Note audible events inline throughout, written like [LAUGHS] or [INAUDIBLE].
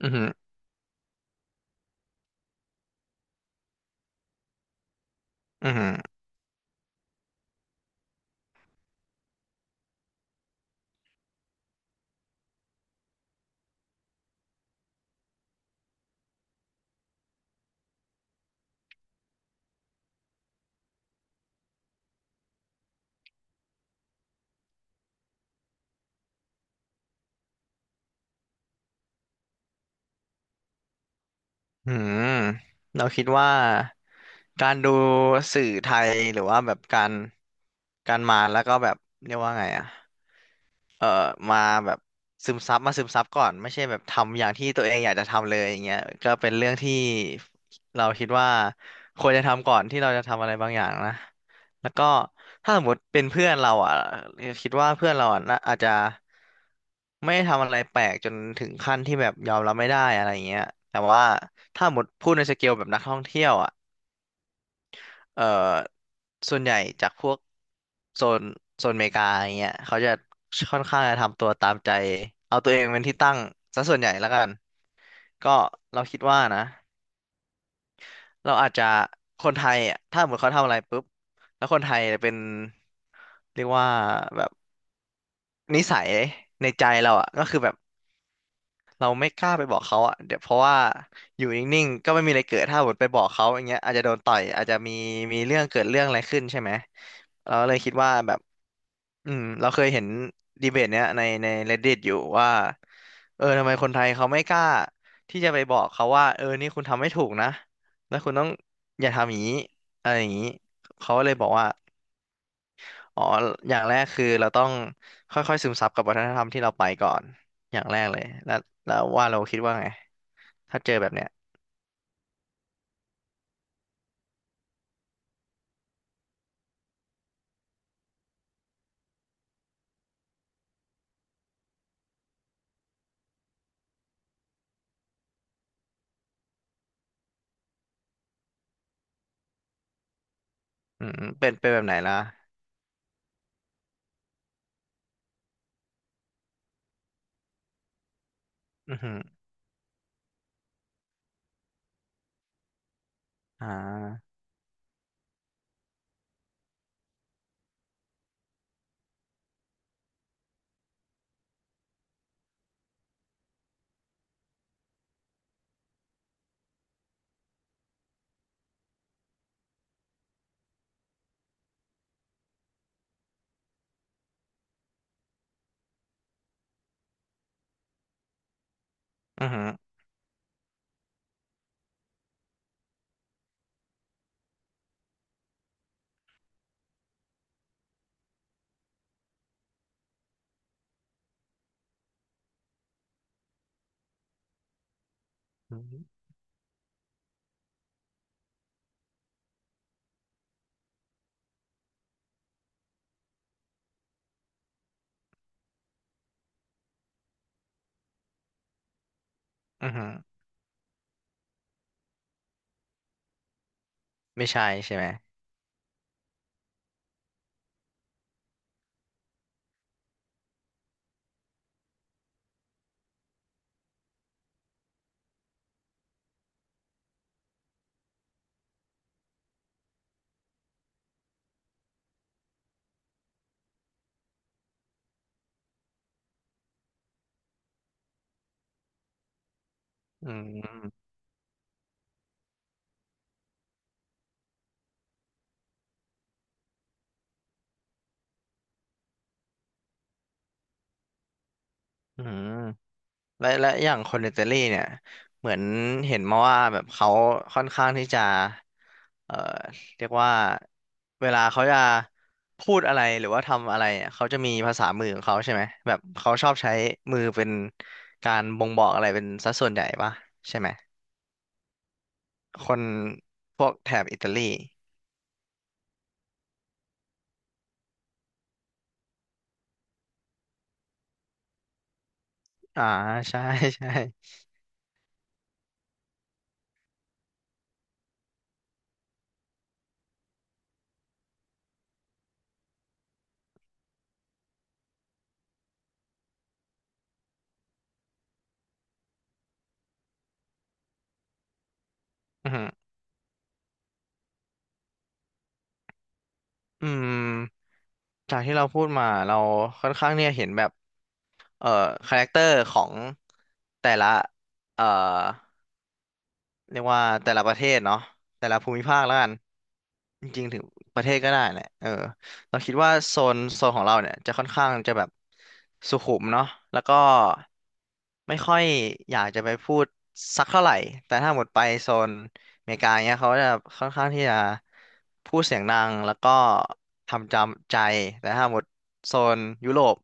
อือหืออือหืออือหือเราคิดว่าการดูสื่อไทยหรือว่าแบบการการมาแล้วก็แบบเรียกว่าไงอะ เอ่อมาแบบซึมซับมาซึมซับก่อนไม่ใช่แบบทำอย่างที่ตัวเองอยากจะทำเลยอย่างเงี้ยก็เป็นเรื่องที่เราคิดว่าควรจะทำก่อนที่เราจะทำอะไรบางอย่างนะแล้วก็ถ้าสมมติเป็นเพื่อนเราอ่ะคิดว่าเพื่อนเราอ่ะน่าอาจจะไม่ได้ทำอะไรแปลกจนถึงขั้นที่แบบยอมรับไม่ได้อะไรอย่างเงี้ยแต่ว่าถ้าสมมติพูดในสเกลแบบนักท่องเที่ยวอ่ะ เอ่อส่วนใหญ่จากพวกโซนโซนอเมริกาอย่างเงี้ยเขาจะค่อนข้างจะทำตัวตามใจเอาตัวเองเป็นที่ตั้งซะส่วนใหญ่แล้วกันก็เราคิดว่านะเราอาจจะคนไทยอ่ะถ้าสมมติเขาทำอะไรปุ๊บแล้วคนไทยเป็นเรียกว่าแบบ นิสัยในใจเราอ่ะก็คือแบบเราไม่กล้าไปบอกเขาอ่ะเดี๋ยวเพราะว่าอยู่นิ่งๆก็ไม่มีอะไรเกิดถ้าหมดไปบอกเขาอย่างเงี้ยอาจจะโดนต่อยอาจจะมีมีเรื่องเกิดเรื่องอะไรขึ้นใช่ไหมเราเลยคิดว่าแบบอืมเราเคยเห็นดีเบตเนี้ยในใน Reddit อยู่ว่าเออทำไมคนไทยเขาไม่กล้าที่จะไปบอกเขาว่าเออนี่คุณทำไม่ถูกนะแล้วคุณต้องอย่าทำอย่างนี้อะไรอย่างนี้เขาก็เลยบอกว่า อ๋ออย่างแรกคือเราต้องค่อยๆซึมซับกับวัฒนธรรมที่เราไปก่อน อย่างแรกเลย แล้วแล้วว่าเราคิดว่าไง ถ้าเจอแบบเนี้ยอืมเป็น เป็นแบบไหนล่ะอือหืออ่าอือหืออือหืออือหือไม่ใช่ใช่ไหมอืมอืม และและอย่างคนอิตาลีเนี่ยเหมือนเห็นมาว่าแบบเขาค่อนข้างที่จะเอ่อเรียกว่าเวลาเขาจะพูดอะไรหรือว่าทำอะไรเนี่ยเขาจะมีภาษามือของเขาใช่ไหมแบบเขาชอบใช้มือเป็นการบ่งบอกอะไรเป็นสัดส่วนใหญ่ปะใช่ไหมคนพวกแถบอิตาลีอ่าใช่ [LAUGHS] ใช่อืม อืมจากที่เราพูดมาเราค่อนข้างเนี่ยเห็นแบบเอ่อคาแรคเตอร์ของแต่ละเอ่อ เรียกว่าแต่ละประเทศเนาะแต่ละภูมิภาคแล้วกันจริงๆถึงประเทศก็ได้แหละเออเราคิดว่าโซนโซนของเราเนี่ยจะค่อนข้างจะแบบสุขุมเนาะแล้วก็ไม่ค่อยอยากจะไปพูดสักเท่าไหร่แต่ถ้าหมดไปโซนอเมริกาเนี้ยเขาจะค่อนข้างที่จะพูดเสียงดังแล้วก็ทำจำใจแต่ถ้าหมดโซนยุโรป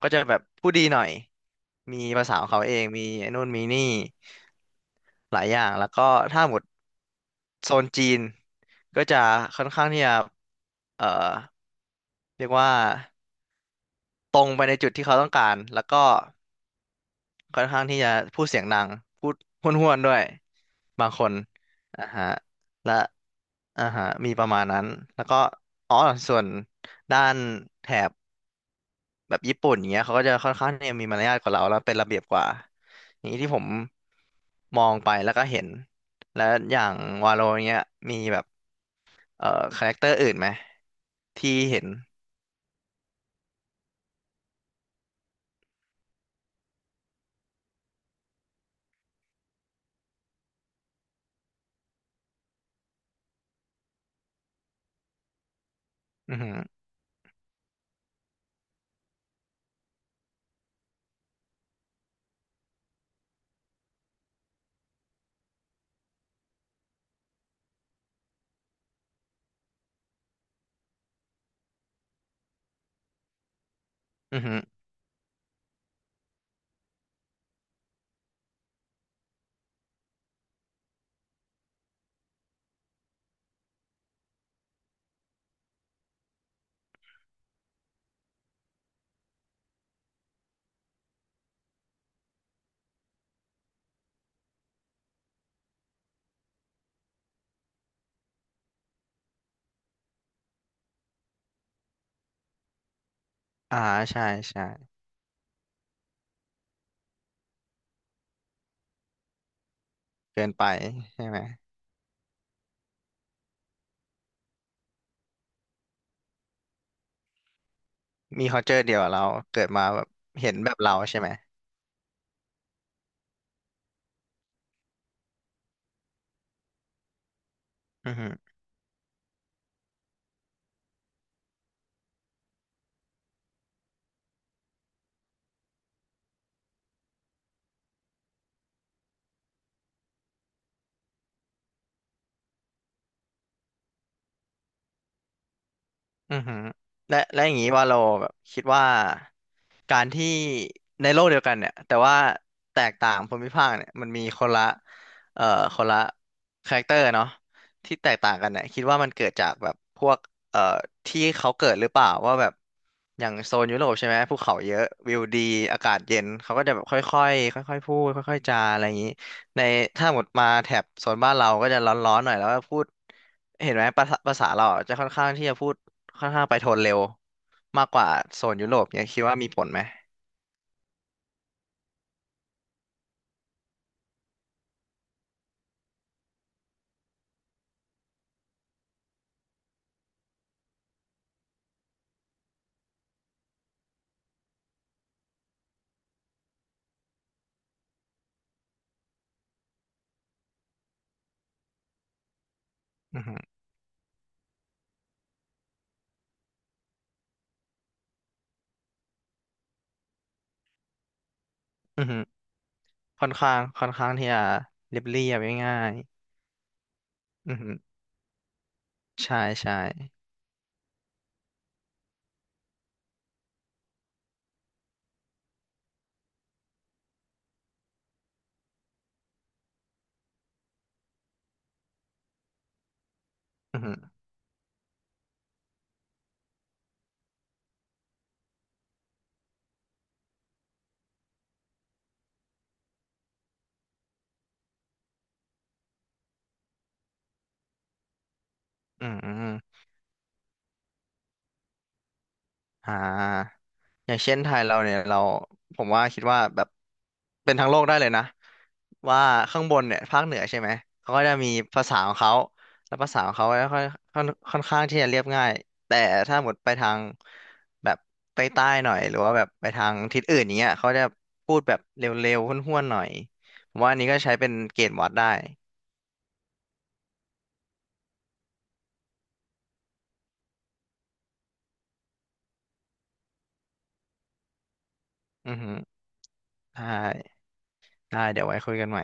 ก็จะแบบพูดดีหน่อยมีภาษาของเขาเองมีไอ้นู่นมีนี่ หลายอย่างแล้วก็ถ้าหมดโซนจีนก็จะค่อนข้างที่จะเอ่อเรียกว่าตรงไปในจุดที่เขาต้องการแล้วก็ค่อนข้างที่จะพูดเสียงดังพูดห้วนๆด้วยบางคนอ่าฮะและอ่าฮะมีประมาณนั้นแล้วก็อ๋อส่วนด้านแถบ แบบญี่ปุ่นเนี้ยเขาก็จะค่อนข้างเนี่ยมีมารยาทกว่าเราแล้วเป็นระเบียบกว่าอย่างนี้ที่ผมมองไปแล้วก็เห็นแล้วอย่างวาโลเนี้ยมีแบบเอ่อคาแรคเตอร์อื่นไหมที่เห็นอือหืออือหืออ่าใช่ใช่เกินไปใช่ไหมมี culture เดียวกับเราเกิดมาแบบเห็นแบบเราใช่ไหมอือหือ อือหือและและอย่างนี้ว่าเราแบบคิดว่าการที่ในโลกเดียวกันเนี่ยแต่ว่าแตกต่างภูมิภาคเนี่ยมันมีคนละเอ่อคนละคาแรคเตอร์เนาะที่แตกต่างกันเนี่ยคิดว่ามันเกิดจากแบบพวกเอ่อที่เขาเกิดหรือเปล่าว่าแบบอย่างโซนยุโรปใช่ไหมภูเขาเยอะวิวดีอากาศเย็นเขาก็จะแบบค่อยๆค่อยๆพูดค่อยๆจาอะไรอย่างนี้ในถ้าหมดมาแถบโซนบ้านเราก็จะร้อนๆหน่อยแล้วก็พูดเห็นไหมภาษาภาษาเราอะจะค่อนข้างที่จะพูด ค่อนข้างไปโทนเร็วมากกว่าโซนยุโรปเนี่ยคิดว่ามีผลไหมอือฮึอือฮึค่อนข้างค่อนข้างที่จะเรียบเรียบง่ายๆอือฮึใช่ใช่อือฮึอืม อ่าอย่างเช่นไทยเราเนี่ยเราผมว่าคิดว่าแบบเป็นทั้งโลกได้เลยนะว่าข้างบนเนี่ยภาคเหนือใช่ไหมเขาก็จะมีภาษาของเขาแล้วภาษาของเขาก็ค่อนค่อนค่อนข้างที่จะเรียบง่ายแต่ถ้าหมดไปทางแบบใต้ๆหน่อยหรือว่าแบบไปทางทิศอื่นอย่างเงี้ยเขาจะพูดแบบเร็วๆห้วนๆหน่อยผมว่าอันนี้ก็ใช้เป็นเกณฑ์วัดได้อือฮึได้ได้เดี๋ยวไว้คุยกันใหม่